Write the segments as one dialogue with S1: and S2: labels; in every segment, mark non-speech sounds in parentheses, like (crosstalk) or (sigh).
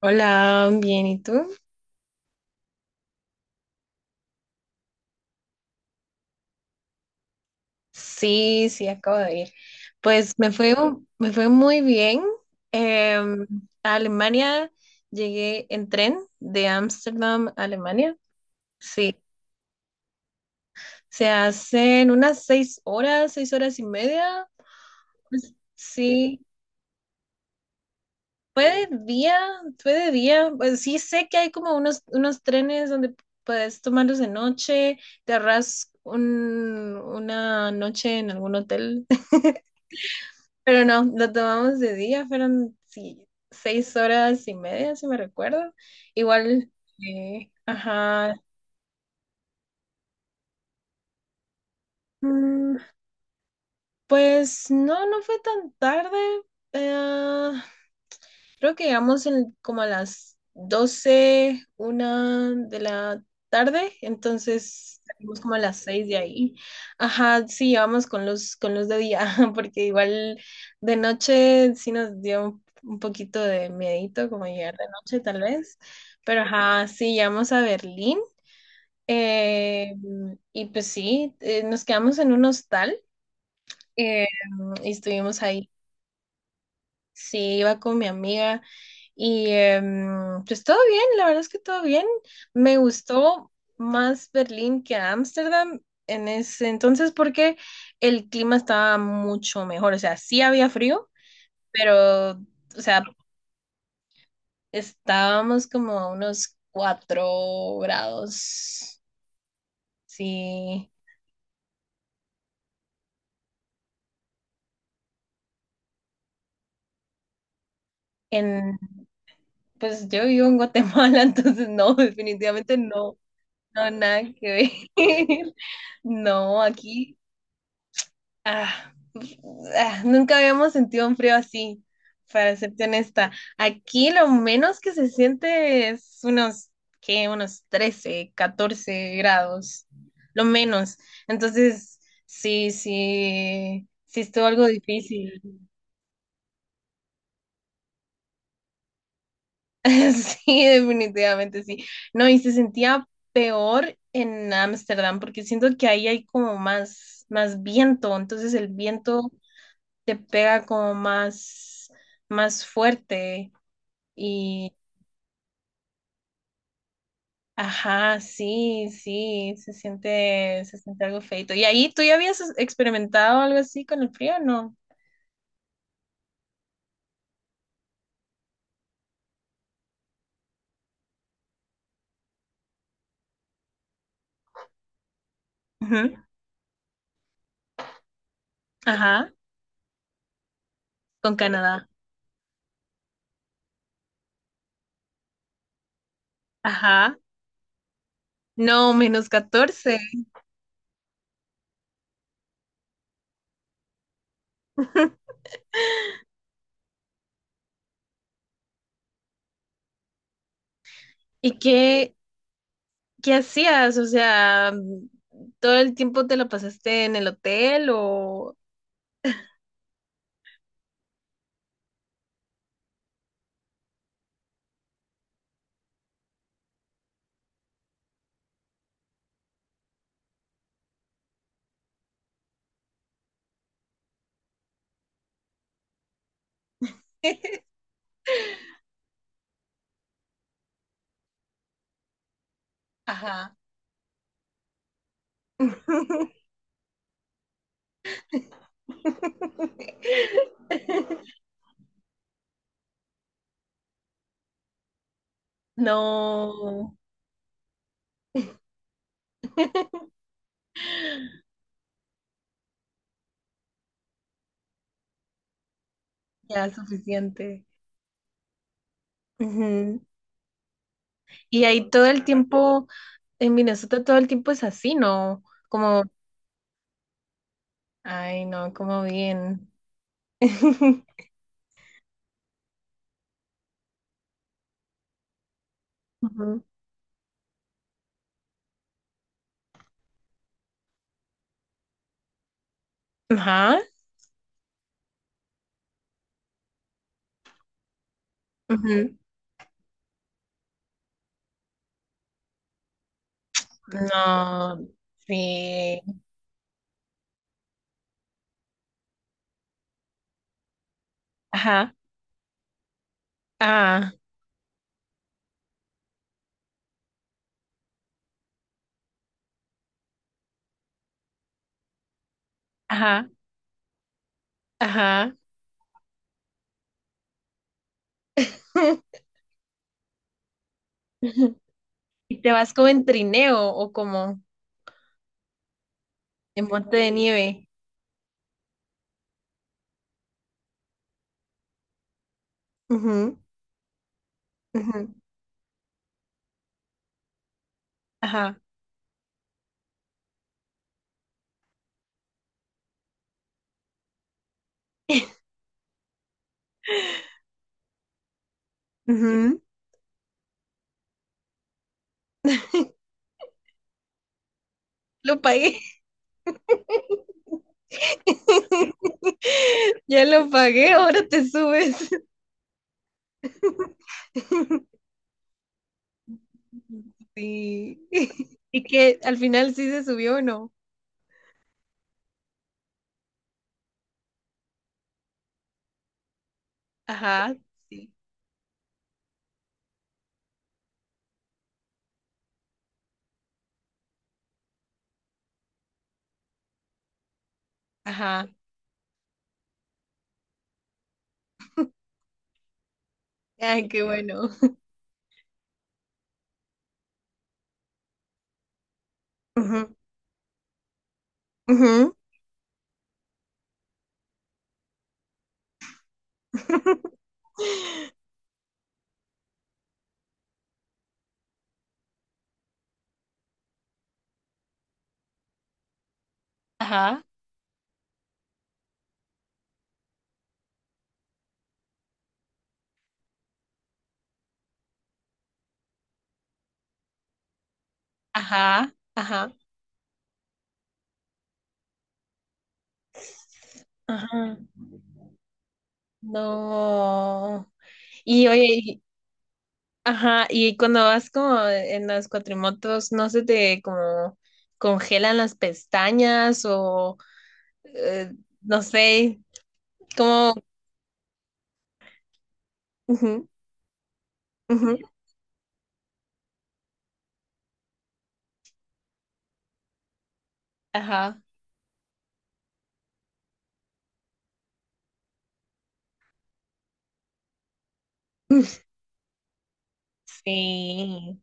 S1: Hola, bien, ¿y tú? Sí, sí, acabo de ir. Pues me fue, me fue muy bien. Em, a Alemania llegué en tren de Ámsterdam a Alemania. Sí, se hacen unas 6 horas, 6 horas y media. Sí, fue de día, fue de día. Pues sí sé que hay como unos trenes donde puedes tomarlos de noche, te ahorras una noche en algún hotel. Pero no, lo tomamos de día, fueron sí, 6 horas y media, si me recuerdo. Igual, ajá. Mm, pues no, no fue tan tarde. eh, creo que llegamos como a las 12 1 de la tarde, entonces salimos como a las 6 de ahí. Ajá, sí, llevamos con luz de día, (laughs) porque igual de noche sí nos dio un poquito de miedito como llegar de noche tal vez, pero ajá, sí, llegamos a Berlín. eh, y pues sí, nos quedamos en un hostal. Eh, y estuvimos ahí. Sí, iba con mi amiga y pues todo bien, la verdad es que todo bien. Me gustó más Berlín que Ámsterdam en ese entonces porque el clima estaba mucho mejor. O sea, sí había frío, pero, o sea, estábamos como a unos 4 grados. Sí, en, pues yo vivo en Guatemala, (laughs) entonces no, definitivamente no. No, nada que ver. (laughs) No, aquí ah, nunca habíamos sentido un frío así, para serte honesta. Aquí lo menos que se siente es unos, ¿qué? Unos 13, 14 grados, lo menos. Entonces, sí, sí, sí estuvo algo difícil. (laughs) Sí, definitivamente sí. No, y se sentía peor en Ámsterdam porque siento que ahí hay como más, más viento, entonces el viento te pega como más, más fuerte y, ajá, sí, sí, se siente algo feito. ¿Y ahí tú ya habías experimentado algo así con el frío? No. Ujú. Ajá, con Canadá. Ajá. No, -14. ¿Y qué, ¿Qué hacías? O sea, ¿todo el tiempo te lo pasaste en el hotel o? Ajá. (laughs) No, ya suficiente. Ujú. Y ahí todo el tiempo, en Minnesota todo el tiempo es así, ¿no? Como, ay, no, como bien. (laughs) Ujú. Ajá. Ujú. No, sí. Ajá. Ah, ajá, ajá. (laughs) (laughs) Y te vas como en trineo o como en monte de nieve. Ujú, ujú, ajá. Ujú. Lo pagué. (laughs) Ya lo pagué, ahora te subes. (laughs) Sí. Y que al final sí se subió o no. Ajá. Sí. Ajá. Ay, qué bueno. Ujú, ujú. (laughs) Ajá. Ajá. Ajá. Ajá. No. Y oye, ajá, y cuando vas como en las cuatrimotos, ¿no se te como congelan las pestañas o eh, no sé, como. Ujú, ujú, ajá. (laughs) Sí,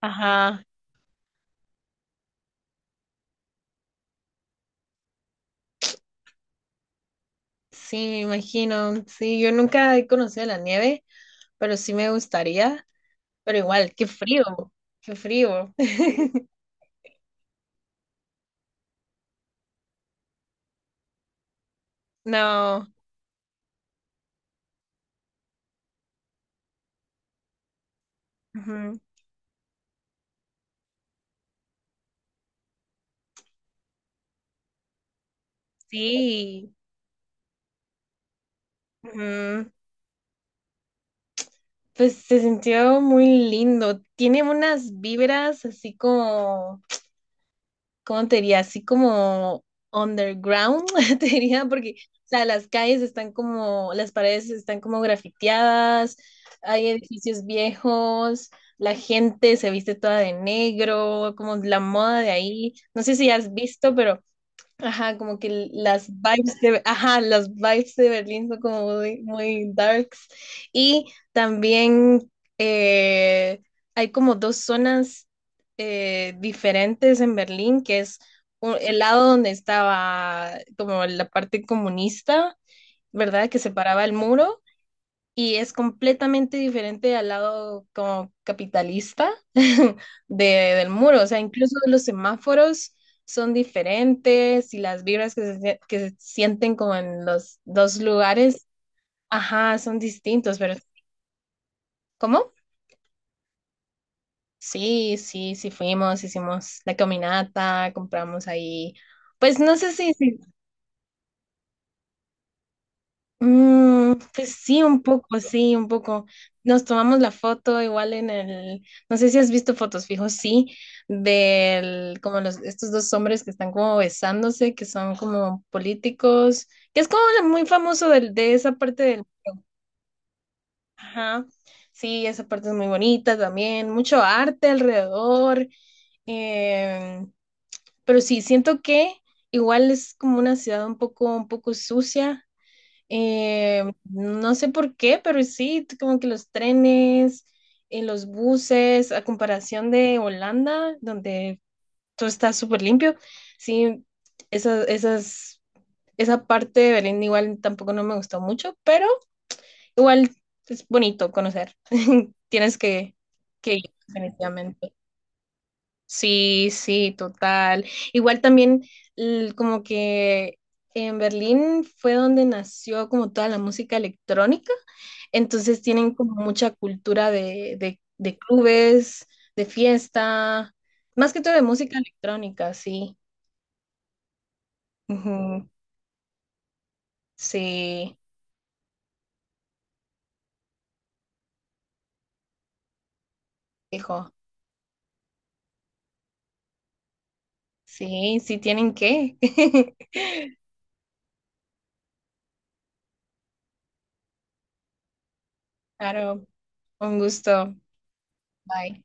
S1: ajá, sí, me imagino. Sí, yo nunca he conocido la nieve, pero sí me gustaría. Pero igual, qué frío, qué frío. (laughs) No, ujú, sí, ujú. Pues se sintió muy lindo. Tiene unas vibras así como, ¿cómo te diría? Así como underground, (laughs) te diría, porque, o sea, las calles están como, las paredes están como grafiteadas, hay edificios viejos, la gente se viste toda de negro, como la moda de ahí. No sé si has visto, pero ajá, como que las vibes de, ajá, las vibes de Berlín son como muy, muy darks. Y también eh, hay como dos zonas diferentes en Berlín, que es el lado donde estaba como la parte comunista, ¿verdad? Que separaba el muro y es completamente diferente al lado como capitalista (laughs) del muro. O sea, incluso los semáforos son diferentes y las vibras que se sienten como en los dos lugares, ajá, son distintos, pero ¿cómo? Sí, sí, sí fuimos, hicimos la caminata, compramos ahí. Pues no sé si. Pues sí, un poco, sí, un poco. Nos tomamos la foto igual en el, no sé si has visto fotos fijos, sí, del, como los, estos dos hombres que están como besándose, que son como políticos, que es como lo muy famoso de esa parte del, ajá, sí, esa parte es muy bonita también, mucho arte alrededor, eh, pero sí, siento que igual es como una ciudad un poco sucia, no sé por qué, pero sí, como que los trenes, los buses, a comparación de Holanda, donde todo está súper limpio, sí, esa, esas, esa parte de Berlín igual tampoco no me gustó mucho, pero igual es bonito conocer. (laughs) Tienes que ir, definitivamente. Sí, sí, total. Igual también como que en Berlín fue donde nació como toda la música electrónica, entonces tienen como mucha cultura de, clubes, de fiesta, más que todo de música electrónica, sí. Ujú, sí, hijo, sí, sí tienen que. (laughs) Claro, un gusto. Bye.